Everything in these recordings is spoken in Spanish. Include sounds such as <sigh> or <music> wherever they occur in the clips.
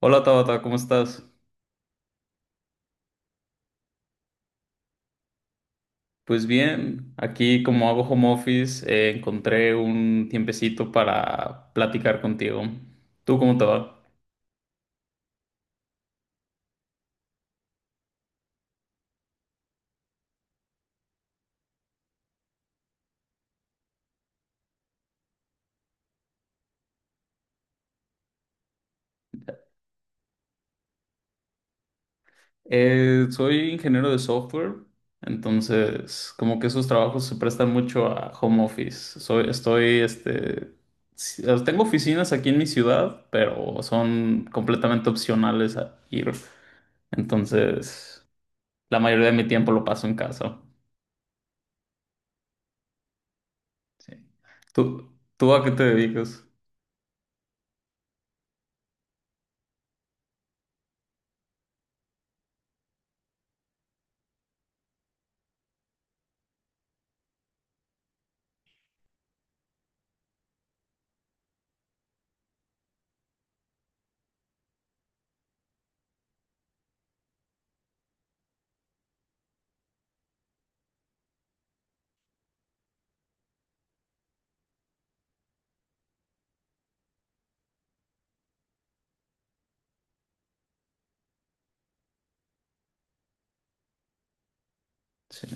Hola Tabata, ¿cómo estás? Pues bien, aquí como hago home office, encontré un tiempecito para platicar contigo. ¿Tú cómo te va? Soy ingeniero de software, entonces como que esos trabajos se prestan mucho a home office. Si- tengo oficinas aquí en mi ciudad, pero son completamente opcionales a ir. Entonces, la mayoría de mi tiempo lo paso en casa. Sí. ¿Tú a qué te dedicas? Sí.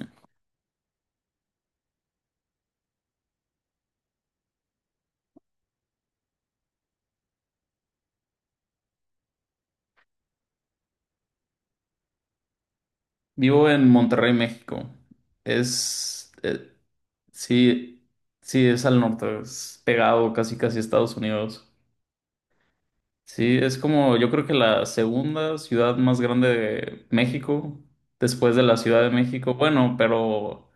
Vivo en Monterrey, México. Es, sí, sí, es al norte, es pegado casi casi a Estados Unidos. Sí, es como yo creo que la segunda ciudad más grande de México, después de la Ciudad de México. Bueno, pero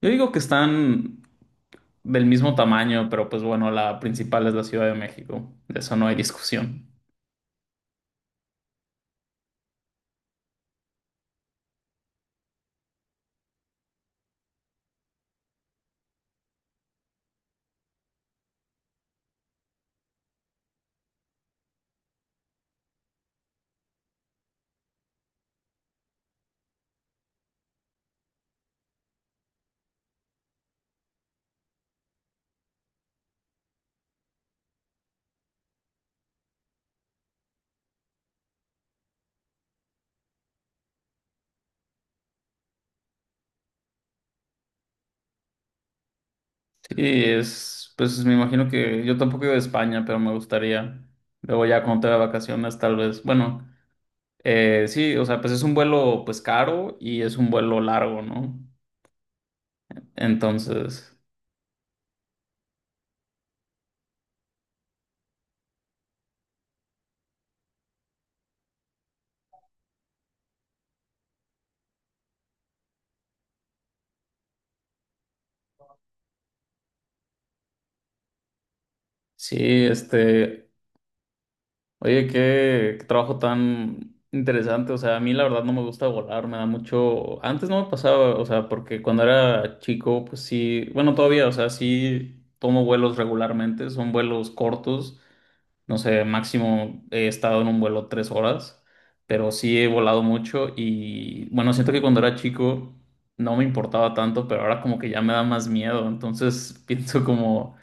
yo digo que están del mismo tamaño, pero pues bueno, la principal es la Ciudad de México. De eso no hay discusión. Sí, es, pues me imagino que yo tampoco iba a España, pero me gustaría. Luego ya cuando tenga vacaciones, tal vez. Bueno, sí, o sea, pues es un vuelo pues caro y es un vuelo largo, ¿no? Entonces, sí, este, oye, qué, qué trabajo tan interesante. O sea, a mí la verdad no me gusta volar, me da mucho. Antes no me pasaba, o sea, porque cuando era chico, pues sí, bueno, todavía, o sea, sí tomo vuelos regularmente, son vuelos cortos. No sé, máximo he estado en un vuelo 3 horas, pero sí he volado mucho y bueno, siento que cuando era chico no me importaba tanto, pero ahora como que ya me da más miedo. Entonces <laughs> pienso como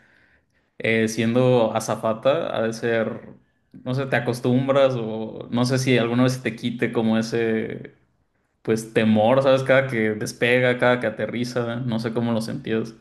siendo azafata ha de ser, no sé, te acostumbras o no sé si alguna vez te quite como ese, pues temor, ¿sabes? Cada que despega, cada que aterriza, no sé cómo lo sentías.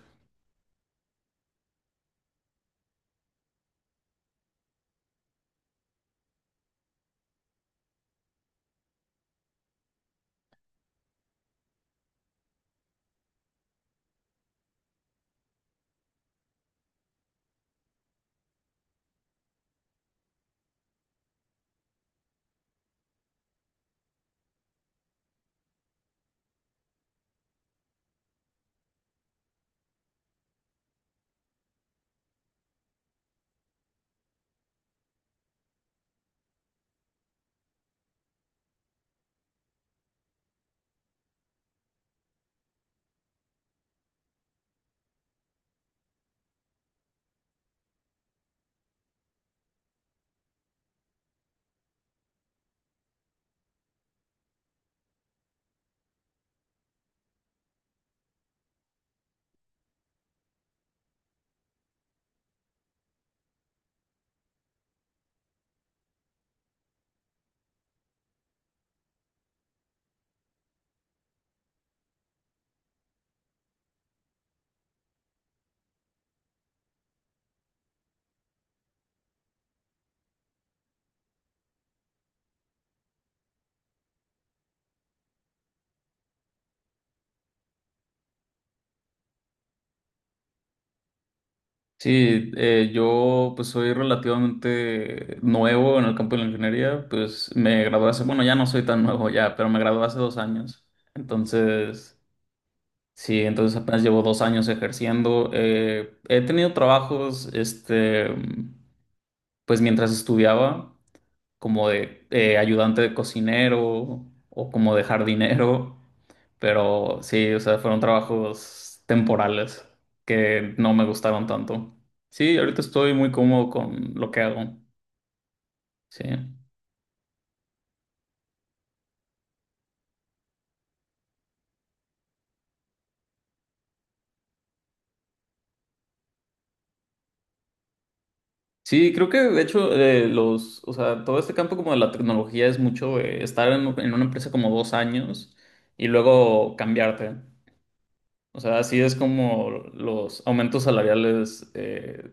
Sí, yo pues soy relativamente nuevo en el campo de la ingeniería, pues me gradué hace, bueno, ya no soy tan nuevo ya, pero me gradué hace 2 años. Entonces, sí, entonces apenas llevo 2 años ejerciendo. He tenido trabajos, este, pues mientras estudiaba como de ayudante de cocinero o como de jardinero, pero sí, o sea, fueron trabajos temporales que no me gustaron tanto. Sí, ahorita estoy muy cómodo con lo que hago. Sí. Sí, creo que de hecho los, o sea, todo este campo como de la tecnología es mucho estar en una empresa como 2 años y luego cambiarte. O sea, así es como los aumentos salariales,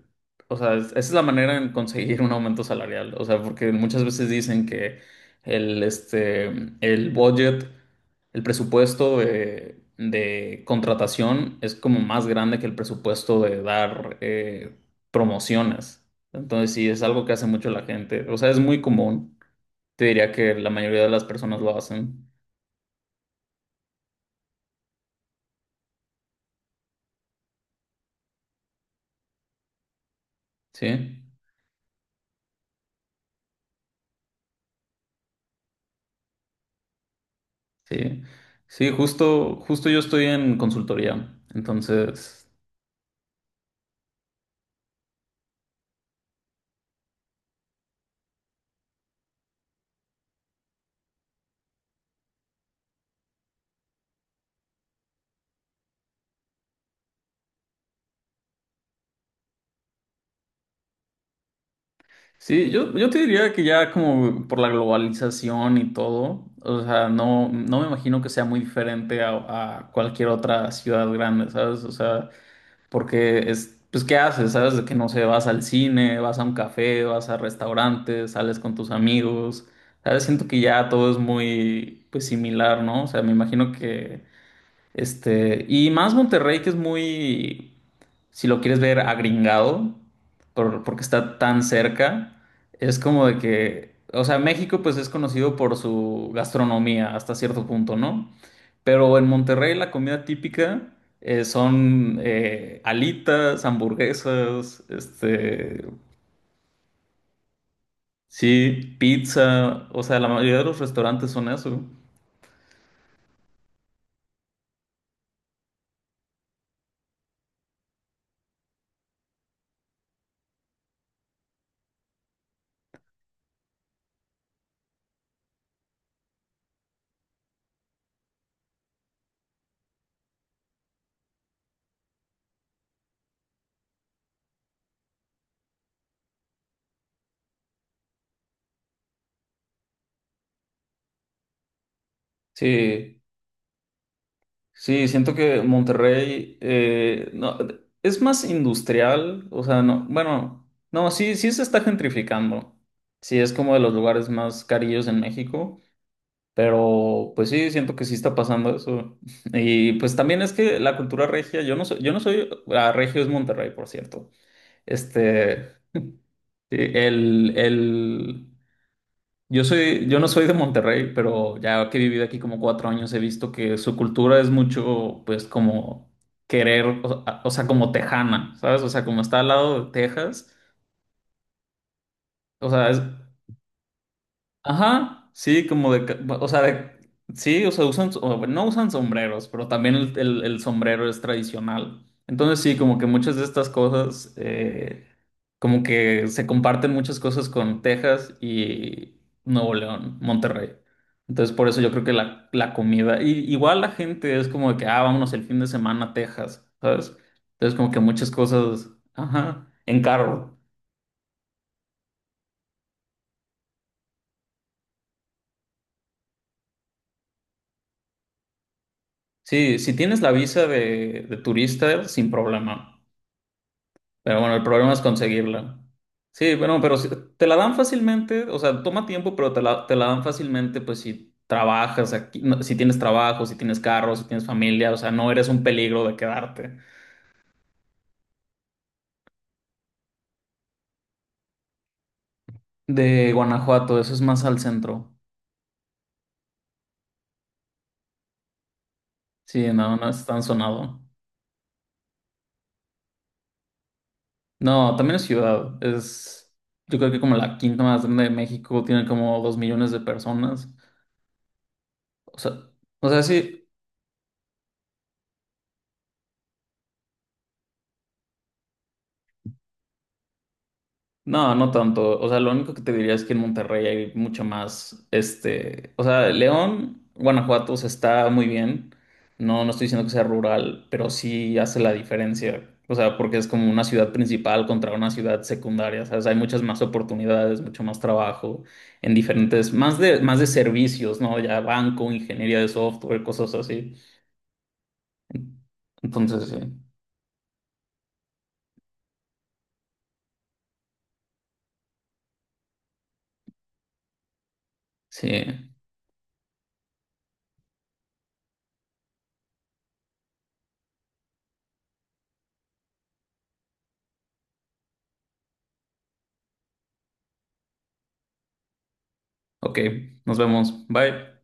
o sea, es- esa es la manera en conseguir un aumento salarial. O sea, porque muchas veces dicen que el, este, el budget, el presupuesto de contratación es como más grande que el presupuesto de dar promociones. Entonces, sí, es algo que hace mucho la gente. O sea, es muy común. Te diría que la mayoría de las personas lo hacen, ¿sí? Sí, sí, justo yo estoy en consultoría. Entonces, sí, yo te diría que ya como por la globalización y todo, o sea, no, no me imagino que sea muy diferente a cualquier otra ciudad grande, ¿sabes? O sea, porque es, pues, ¿qué haces? ¿Sabes? De que no sé, vas al cine, vas a un café, vas a restaurantes, sales con tus amigos, ¿sabes? Siento que ya todo es muy, pues, similar, ¿no? O sea, me imagino que, este, y más Monterrey que es muy... si lo quieres ver agringado, por- porque está tan cerca, es como de que, o sea, México pues es conocido por su gastronomía hasta cierto punto, ¿no? Pero en Monterrey la comida típica son alitas, hamburguesas, este, sí, pizza, o sea, la mayoría de los restaurantes son eso. Sí. Sí, siento que Monterrey no, es más industrial, o sea, no, bueno, no, sí, sí se está gentrificando. Sí, es como de los lugares más carillos en México, pero pues sí, siento que sí está pasando eso. <laughs> Y pues también es que la cultura regia, yo no soy, ah, regio es Monterrey, por cierto. Este, sí, el, yo no soy de Monterrey, pero ya que he vivido aquí como 4 años, he visto que su cultura es mucho, pues, como querer, o sea, como tejana, ¿sabes? O sea, como está al lado de Texas, o sea, es, ajá, sí, como de, ca- o sea, de- sí, o sea, usan, o bueno, no usan sombreros, pero también el sombrero es tradicional. Entonces sí, como que muchas de estas cosas, como que se comparten muchas cosas con Texas y Nuevo León, Monterrey. Entonces por eso yo creo que la comida, y, igual la gente es como de que, ah, vámonos el fin de semana a Texas, ¿sabes? Entonces como que muchas cosas, ajá, en carro. Sí, si tienes la visa de turista, sin problema. Pero bueno, el problema es conseguirla. Sí, bueno, pero si te la dan fácilmente, o sea, toma tiempo, pero te la dan fácilmente, pues si trabajas aquí, no, si tienes trabajo, si tienes carro, si tienes familia, o sea, no eres un peligro de quedarte. De Guanajuato, eso es más al centro. Sí, no, no es tan sonado. No, también es ciudad, es, yo creo que como la quinta más grande de México, tiene como 2 millones de personas. O sea, o sea, sí, no, no tanto. O sea, lo único que te diría es que en Monterrey hay mucho más, este, o sea, León, Guanajuato, o sea, está muy bien. No, no estoy diciendo que sea rural, pero sí hace la diferencia. O sea, porque es como una ciudad principal contra una ciudad secundaria. ¿Sabes? Hay muchas más oportunidades, mucho más trabajo en diferentes, más de servicios, ¿no? Ya banco, ingeniería de software, cosas así. Entonces, sí. Sí. Ok, nos vemos. Bye.